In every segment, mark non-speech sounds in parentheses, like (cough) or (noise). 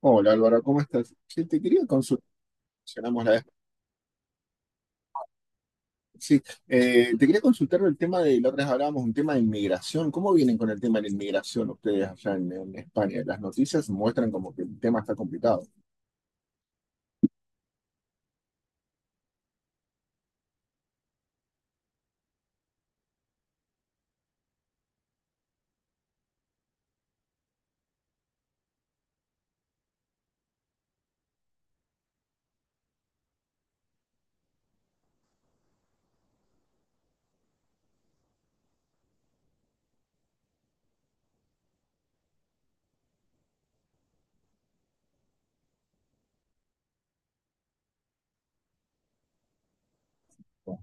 Hola Álvaro, ¿cómo estás? Sí, te quería consultar, mencionamos la vez- sí, te quería consultar el tema de, la otra vez hablábamos, un tema de inmigración. ¿Cómo vienen con el tema de la inmigración ustedes allá en España? Las noticias muestran como que el tema está complicado. ¿No?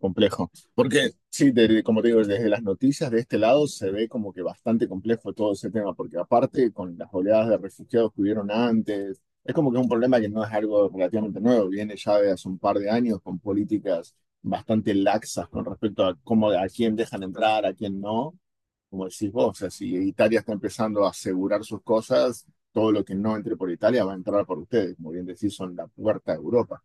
Complejo, porque sí, como te digo, desde las noticias de este lado se ve como que bastante complejo todo ese tema, porque aparte con las oleadas de refugiados que hubieron antes, es como que es un problema que no es algo relativamente nuevo, viene ya de hace un par de años con políticas bastante laxas con respecto a cómo, a quién dejan entrar, a quién no, como decís vos, o sea, si Italia está empezando a asegurar sus cosas, todo lo que no entre por Italia va a entrar por ustedes, como bien decís, son la puerta de Europa.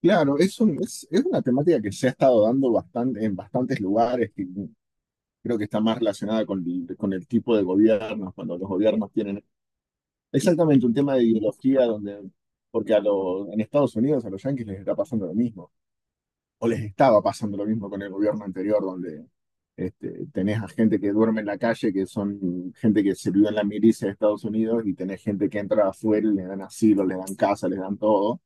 Claro, es una temática que se ha estado dando bastante, en bastantes lugares, que creo que está más relacionada con el tipo de gobiernos, cuando los gobiernos tienen exactamente un tema de ideología donde, porque en Estados Unidos a los yanquis les está pasando lo mismo, o les estaba pasando lo mismo con el gobierno anterior, donde tenés a gente que duerme en la calle, que son gente que sirvió en la milicia de Estados Unidos, y tenés gente que entra afuera y le dan asilo, le dan casa, les dan todo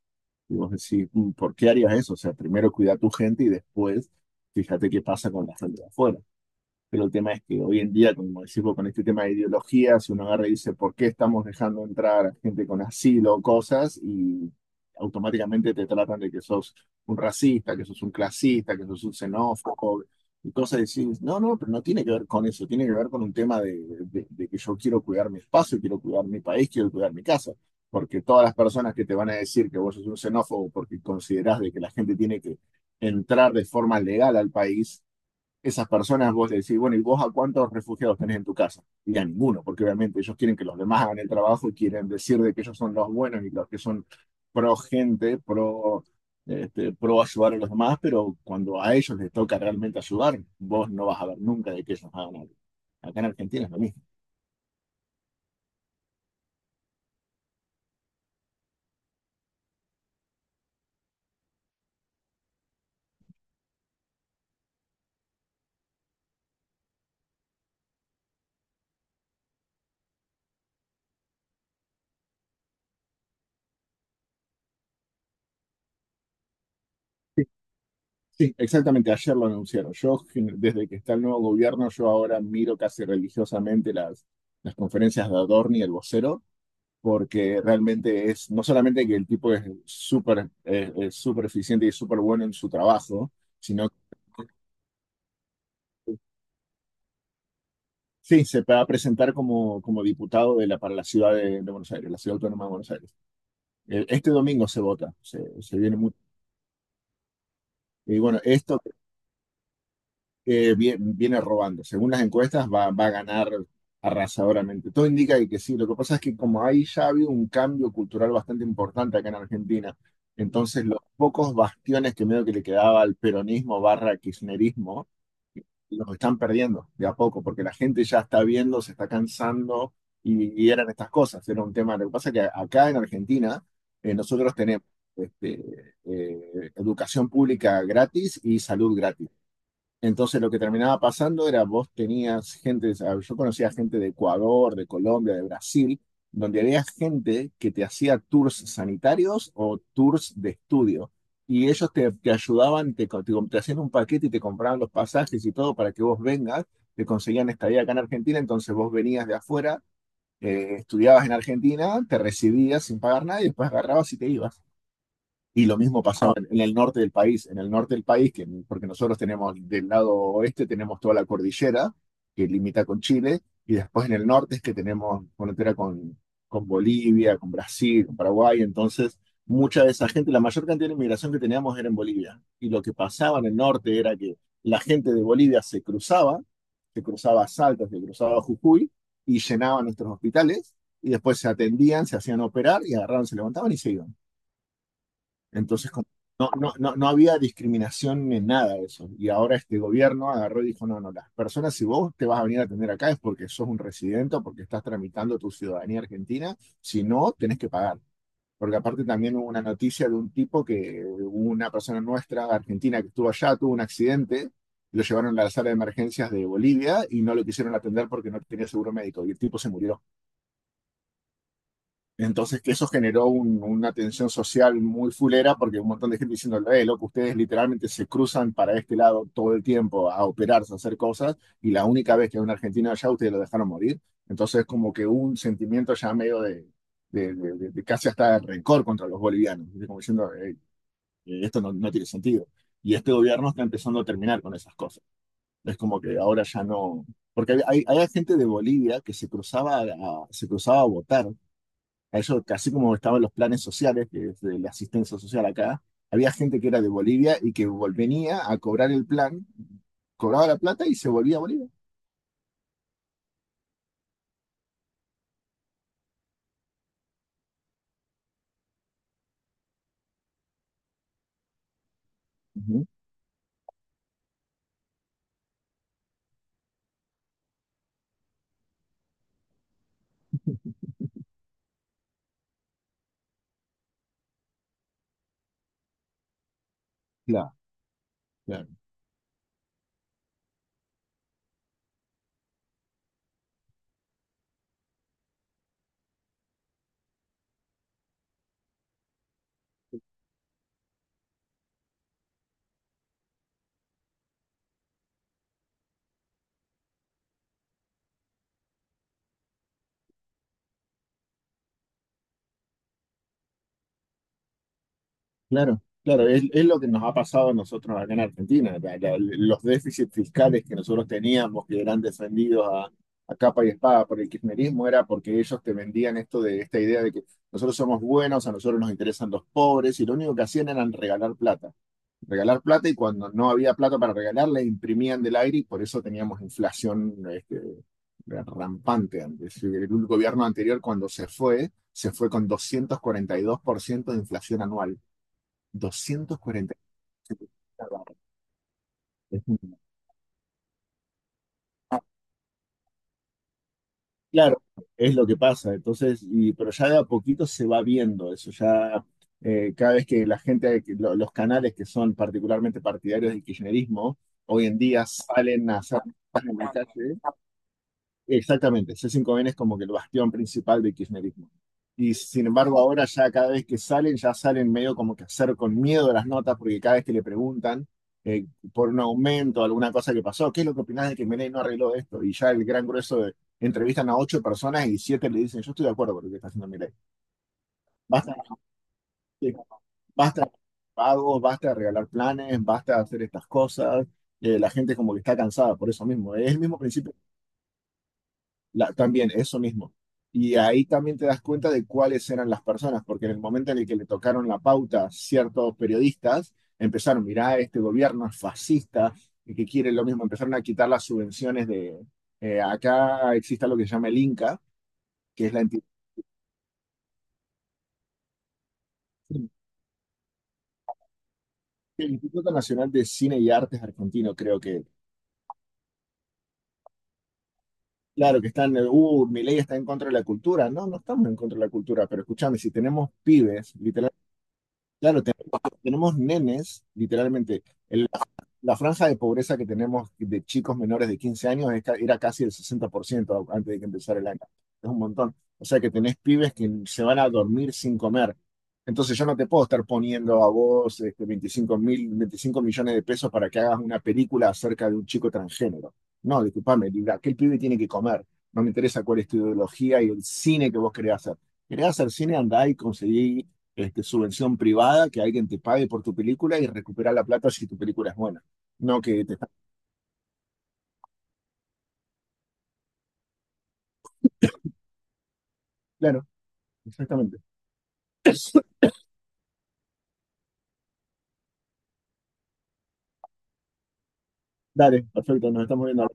y vos decís, "Mm, ¿por qué harías eso? O sea, primero cuida a tu gente y después fíjate qué pasa con la gente de afuera." Pero el tema es que hoy en día, como decimos, con este tema de ideología, si uno agarra y dice, ¿por qué estamos dejando entrar a gente con asilo o cosas? Y automáticamente te tratan de que sos un racista, que sos un clasista, que sos un xenófobo y cosas así. No, no, pero no tiene que ver con eso, tiene que ver con un tema de, de que yo quiero cuidar mi espacio, quiero cuidar mi país, quiero cuidar mi casa. Porque todas las personas que te van a decir que vos sos un xenófobo porque considerás de que la gente tiene que entrar de forma legal al país, esas personas, vos decís, bueno, ¿y vos a cuántos refugiados tenés en tu casa? Y a ninguno, porque obviamente ellos quieren que los demás hagan el trabajo y quieren decir de que ellos son los buenos y los que son pro gente, pro ayudar a los demás, pero cuando a ellos les toca realmente ayudar, vos no vas a ver nunca de que ellos hagan algo. Acá en Argentina es lo mismo. Sí, sí, exactamente, ayer lo anunciaron. Yo, desde que está el nuevo gobierno, yo ahora miro casi religiosamente las conferencias de Adorni, el vocero, porque realmente es, no solamente que el tipo es súper es súper eficiente y súper bueno en su trabajo, sino que sí, se va a presentar como, como diputado de la, para la ciudad de Buenos Aires, la ciudad autónoma de Buenos Aires. Este domingo se vota, se viene mucho. Y bueno, esto viene robando. Según las encuestas, va a ganar arrasadoramente. Todo indica que sí. Lo que pasa es que como ahí ya ha habido un cambio cultural bastante importante acá en Argentina, entonces los pocos bastiones que medio que le quedaba al peronismo barra kirchnerismo los están perdiendo de a poco, porque la gente ya está viendo, se está cansando, y eran estas cosas, era un tema. Lo que pasa es que acá en Argentina nosotros tenemos, educación pública gratis y salud gratis. Entonces lo que terminaba pasando era vos tenías gente, o yo conocía gente de Ecuador, de Colombia, de Brasil, donde había gente que te hacía tours sanitarios o tours de estudio. Y ellos te ayudaban, te hacían un paquete y te compraban los pasajes y todo para que vos vengas, te conseguían estadía acá en Argentina, entonces vos venías de afuera, estudiabas en Argentina, te recibías sin pagar nada y después agarrabas y te ibas. Y lo mismo pasaba en el norte del país. En el norte del país, que, porque nosotros tenemos del lado oeste, tenemos toda la cordillera que limita con Chile, y después en el norte es que tenemos frontera con Bolivia, con Brasil, con Paraguay. Entonces, mucha de esa gente, la mayor cantidad de inmigración que teníamos era en Bolivia. Y lo que pasaba en el norte era que la gente de Bolivia se cruzaba a Salta, se cruzaba a Jujuy, y llenaban nuestros hospitales, y después se atendían, se hacían operar, y agarraban, se levantaban y se iban. Entonces, como, no, no, no, no había discriminación en nada de eso. Y ahora este gobierno agarró y dijo, no, no, las personas, si vos te vas a venir a atender acá es porque sos un residente o porque estás tramitando tu ciudadanía argentina, si no, tenés que pagar. Porque aparte también hubo una noticia de un tipo, que una persona nuestra, argentina, que estuvo allá, tuvo un accidente, lo llevaron a la sala de emergencias de Bolivia y no lo quisieron atender porque no tenía seguro médico y el tipo se murió. Entonces, que eso generó una tensión social muy fulera, porque un montón de gente diciendo, loco, ustedes literalmente se cruzan para este lado todo el tiempo a operarse, a hacer cosas, y la única vez que hay un argentino allá, ustedes lo dejaron morir. Entonces, como que hubo un sentimiento ya medio de, de casi hasta rencor contra los bolivianos, ¿viste? Como diciendo, "Ey, esto no, no tiene sentido." Y este gobierno está empezando a terminar con esas cosas. Es como que ahora ya no... Porque hay gente de Bolivia que se cruzaba a votar a ellos, así como estaban los planes sociales, que es de la asistencia social acá, había gente que era de Bolivia y que venía a cobrar el plan, cobraba la plata y se volvía a Bolivia. Ujú. Claro, claro, claro. Claro, es lo que nos ha pasado a nosotros acá en Argentina. Los déficits fiscales que nosotros teníamos, que eran defendidos a capa y espada por el kirchnerismo, era porque ellos te vendían esto, de esta idea de que nosotros somos buenos, a nosotros nos interesan los pobres, y lo único que hacían eran regalar plata. Regalar plata, y cuando no había plata para regalar, la imprimían del aire y por eso teníamos inflación, rampante antes. El gobierno anterior cuando se fue con 242% de inflación anual. 242%. Es un- Claro, es lo que pasa. Entonces, pero ya de a poquito se va viendo eso. Ya, cada vez que la gente, que los canales que son particularmente partidarios del kirchnerismo, hoy en día salen a hacer en la calle. Exactamente, C5N es como que el bastión principal del kirchnerismo. Y sin embargo, ahora ya cada vez que salen, ya salen medio como que hacer con miedo las notas, porque cada vez que le preguntan, eh, por un aumento, alguna cosa que pasó, ¿qué es lo que opinás de que Milei no arregló esto? Y ya el gran grueso de, entrevistan a ocho personas y siete le dicen, yo estoy de acuerdo con lo que está haciendo Milei. Basta, eh, basta pagos, basta de regalar planes, basta de hacer estas cosas. La gente como que está cansada por eso mismo. Es el mismo principio. También, eso mismo. Y ahí también te das cuenta de cuáles eran las personas, porque en el momento en el que le tocaron la pauta a ciertos periodistas, empezaron, mirá, este gobierno es fascista y que quiere lo mismo, empezaron a quitar las subvenciones de... acá existe lo que se llama el INCA, que es la entidad, el Instituto Nacional de Cine y Artes Argentino, creo que, claro, que están, ley está en contra de la cultura. No, no estamos en contra de la cultura, pero escúchame, si tenemos pibes, literal, claro, tenemos nenes, literalmente. La franja de pobreza que tenemos de chicos menores de 15 años era casi el 60% antes de que empezara el año. Es un montón. O sea que tenés pibes que se van a dormir sin comer. Entonces yo no te puedo estar poniendo a vos, 25 millones de pesos para que hagas una película acerca de un chico transgénero. No, discúlpame, digo, aquel pibe tiene que comer. No me interesa cuál es tu ideología y el cine que vos querés hacer. Querés hacer cine, andá y conseguí, subvención privada, que alguien te pague por tu película y recuperar la plata si tu película es buena. No, que te está claro, exactamente. (coughs) Dale, perfecto, nos estamos viendo.